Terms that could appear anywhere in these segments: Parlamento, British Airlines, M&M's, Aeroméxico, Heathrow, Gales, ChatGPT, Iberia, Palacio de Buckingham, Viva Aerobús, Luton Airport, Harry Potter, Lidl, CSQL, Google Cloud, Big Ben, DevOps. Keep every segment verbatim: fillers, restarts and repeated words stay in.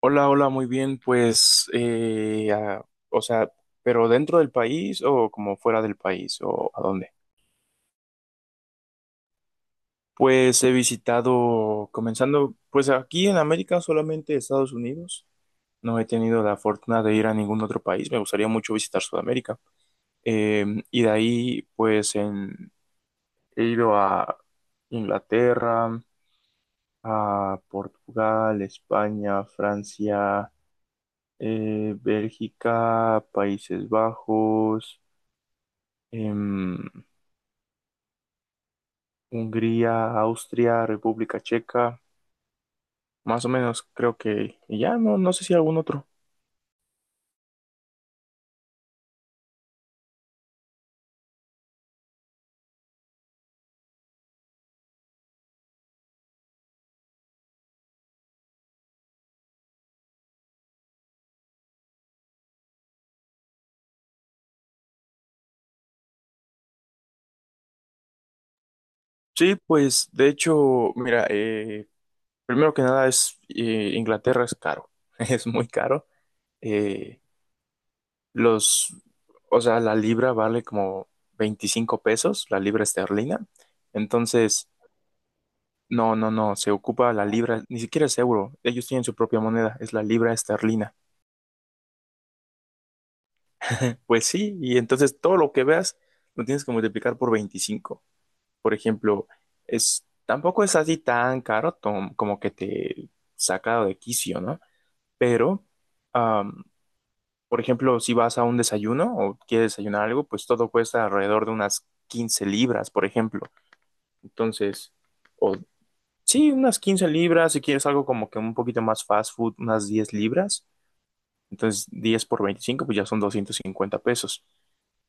Hola, hola, muy bien, pues, eh, ah, o sea, ¿pero dentro del país o como fuera del país o a dónde? Pues he visitado, comenzando, pues aquí en América solamente Estados Unidos. No he tenido la fortuna de ir a ningún otro país. Me gustaría mucho visitar Sudamérica. Eh, y de ahí, pues, en- he ido a Inglaterra, a Portugal, España, Francia, eh, Bélgica, Países Bajos. em, Hungría, Austria, República Checa, más o menos creo que y ya, no, no sé si algún otro. Sí, pues de hecho, mira, eh, primero que nada es eh, Inglaterra es caro, es muy caro. Eh, los, o sea, la libra vale como veinticinco pesos, la libra esterlina. Entonces, no, no, no, se ocupa la libra, ni siquiera es euro, ellos tienen su propia moneda, es la libra esterlina. Pues sí, y entonces todo lo que veas lo tienes que multiplicar por veinticinco. Por ejemplo, es, tampoco es así tan caro tom- como que te saca de quicio, ¿no? Pero, am, por ejemplo, si vas a un desayuno o quieres desayunar algo, pues todo cuesta alrededor de unas quince libras, por ejemplo. Entonces, o sí, unas quince libras, si quieres algo como que un poquito más fast food, unas diez libras. Entonces, diez por veinticinco pues ya son doscientos cincuenta pesos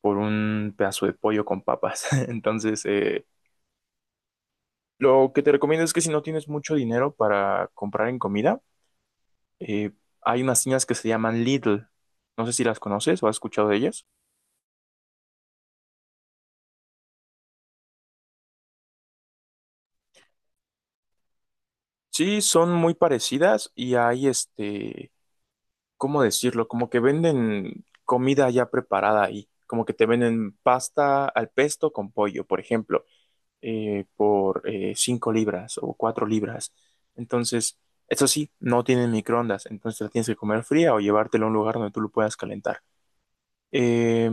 por un pedazo de pollo con papas. Entonces, eh, lo que te recomiendo es que si no tienes mucho dinero para comprar en comida, eh, hay unas tiendas que se llaman Lidl. No sé si las conoces o has escuchado de ellas. Sí, son muy parecidas y hay este, ¿cómo decirlo? Como que venden comida ya preparada ahí. Como que te venden pasta al pesto con pollo, por ejemplo. eh, por eh, cinco libras o cuatro libras. Entonces, eso sí, no tienen microondas, entonces la tienes que comer fría o llevártela a un lugar donde tú lo puedas calentar. Eh,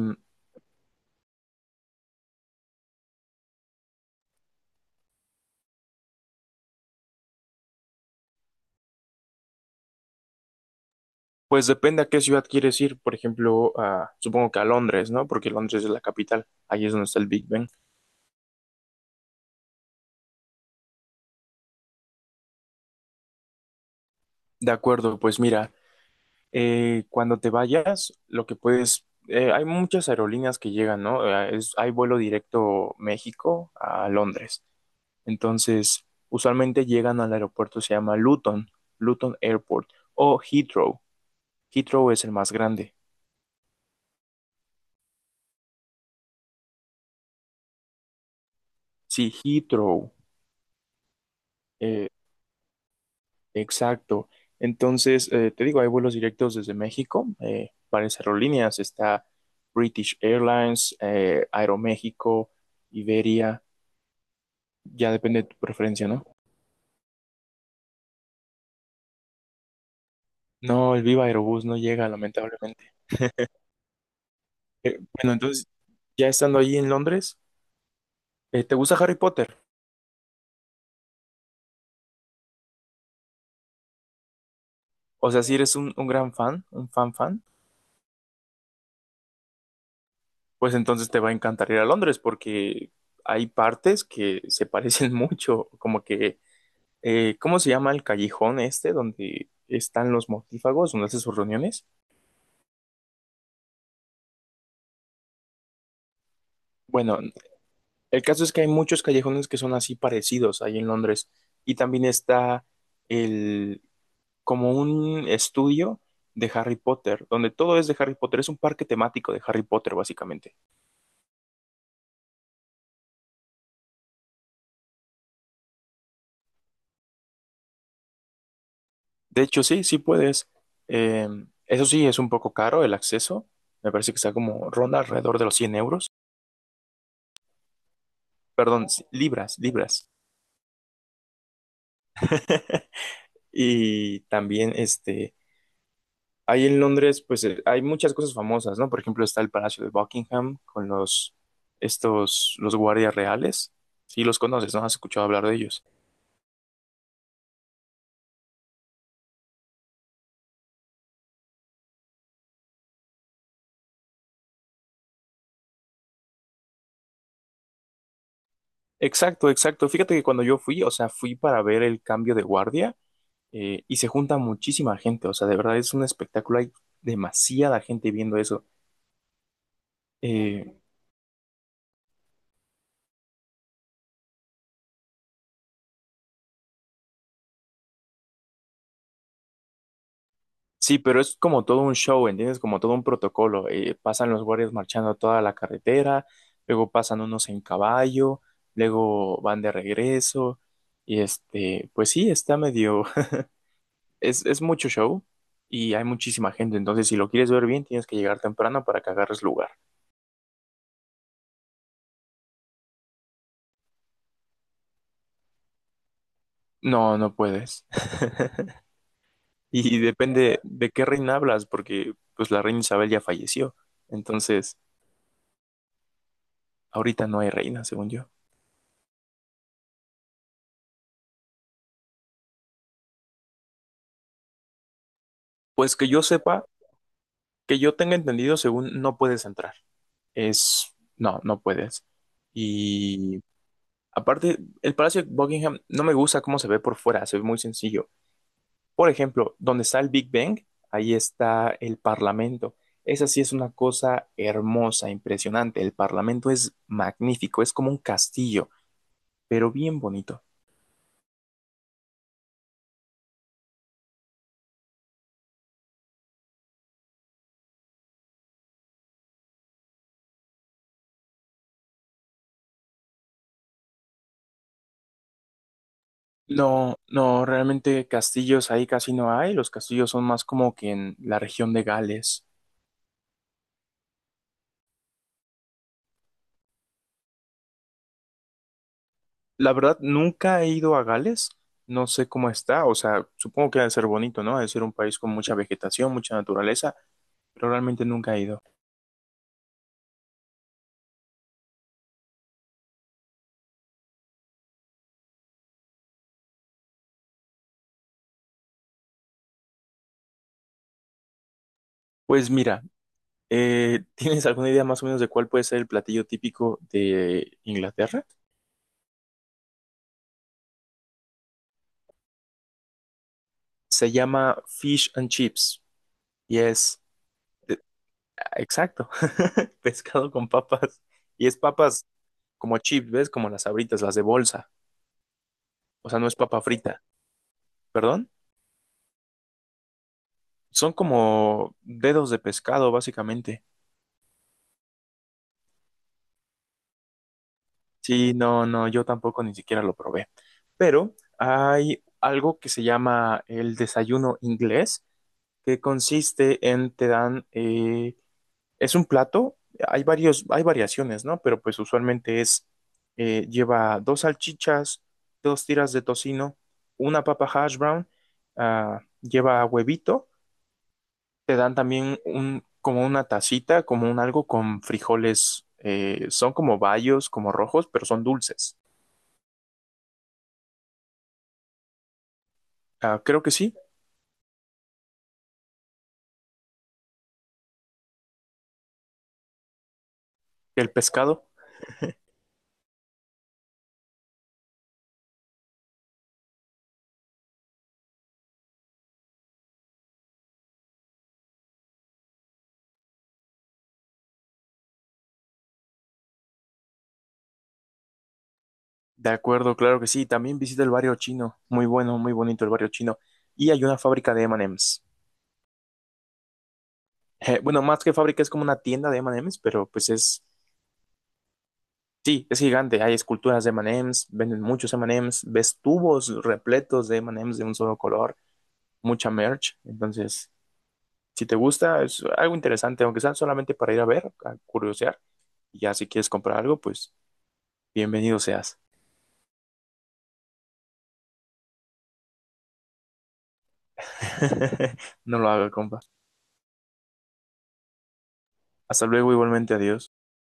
pues depende a qué ciudad quieres ir, por ejemplo, a- supongo que a Londres, ¿no? Porque Londres es la capital, ahí es donde está el Big Ben. De acuerdo, pues mira, eh, cuando te vayas, lo que puedes, eh, hay muchas aerolíneas que llegan, ¿no? Eh, es- hay vuelo directo México a Londres. Entonces, usualmente llegan al aeropuerto, se llama Luton, Luton Airport o Heathrow. Heathrow es el más grande. Sí, Heathrow, eh, exacto. Entonces, eh, te digo, hay vuelos directos desde México, eh, varias aerolíneas, está British Airlines, eh, Aeroméxico, Iberia, ya depende de tu preferencia, ¿no? No, el Viva Aerobús no llega, lamentablemente. Eh, bueno, entonces, ya estando allí en Londres, eh, ¿te gusta Harry Potter? O sea, si eres un, un gran fan, un fan fan, pues entonces te va a encantar ir a Londres porque hay partes que se parecen mucho, como que, eh, ¿cómo se llama el callejón este donde están los mortífagos, donde hacen sus reuniones? Bueno, el caso es que hay muchos callejones que son así parecidos ahí en Londres y también está el, como un estudio de Harry Potter, donde todo es de Harry Potter, es un parque temático de Harry Potter básicamente. De hecho, sí, sí puedes. Eh, eso sí, es un poco caro el acceso. Me parece que está como ronda alrededor de los cien euros. Perdón, sí, libras, libras. Y también, este, ahí en Londres, pues eh, hay muchas cosas famosas, ¿no? Por ejemplo, está el Palacio de Buckingham con los, estos, los guardias reales. Sí, los conoces, ¿no? Has escuchado hablar de ellos. Exacto, exacto. Fíjate que cuando yo fui, o sea, fui para ver el cambio de guardia eh, y se junta muchísima gente, o sea, de verdad es un espectáculo, hay demasiada gente viendo eso. Eh, sí, pero es como todo un show, ¿entiendes? Como todo un protocolo. eh, pasan los guardias marchando toda la carretera, luego pasan unos en caballo, luego van de regreso, y este, pues sí, está medio, es, es mucho show. Y hay muchísima gente, entonces si lo quieres ver bien, tienes que llegar temprano para que agarres lugar. No, no puedes. Y depende de qué reina hablas, porque pues la reina Isabel ya falleció. Entonces, ahorita no hay reina, según yo. Pues que yo sepa, que yo tenga entendido, según no puedes entrar. Es, no, no puedes. Y aparte, el Palacio de Buckingham no me gusta cómo se ve por fuera, se ve muy sencillo. Por ejemplo, donde está el Big Bang, ahí está el Parlamento. Esa sí es una cosa hermosa, impresionante. El Parlamento es magnífico, es como un castillo, pero bien bonito. No, no, realmente castillos ahí casi no hay, los castillos son más como que en la región de Gales. La verdad, nunca he ido a Gales, no sé cómo está, o sea, supongo que debe ser bonito, ¿no? Debe ser un país con mucha vegetación, mucha naturaleza, pero realmente nunca he ido. Pues mira, eh, ¿tienes alguna idea más o menos de cuál puede ser el platillo típico de Inglaterra? Se llama fish and chips y es, eh, exacto, pescado con papas y es papas como chips, ¿ves? Como las abritas, las de bolsa. O sea, no es papa frita, ¿perdón? Son como dedos de pescado, básicamente. Sí, no, no, yo tampoco ni siquiera lo probé. Pero hay algo que se llama el desayuno inglés, que consiste en te dan, eh, es un plato, hay varios, hay variaciones, ¿no? Pero pues usualmente es, eh, lleva dos salchichas, dos tiras de tocino, una papa hash brown, ah, lleva huevito te dan también un, como una tacita, como un algo con frijoles, eh, son como bayos, como rojos, pero son dulces. Ah, creo que sí, el pescado. De acuerdo, claro que sí. También visita el barrio chino. Muy bueno, muy bonito el barrio chino. Y hay una fábrica de eme y eme's. Eh, bueno, más que fábrica es como una tienda de eme y eme's, pero pues es, sí, es gigante. Hay esculturas de eme y eme's, venden muchos eme y eme's, ves tubos repletos de eme y eme's de un solo color, mucha merch. Entonces, si te gusta, es algo interesante, aunque sea solamente para ir a ver, a curiosear. Y ya si quieres comprar algo, pues bienvenido seas. No lo haga, compa. Hasta luego, igualmente, adiós.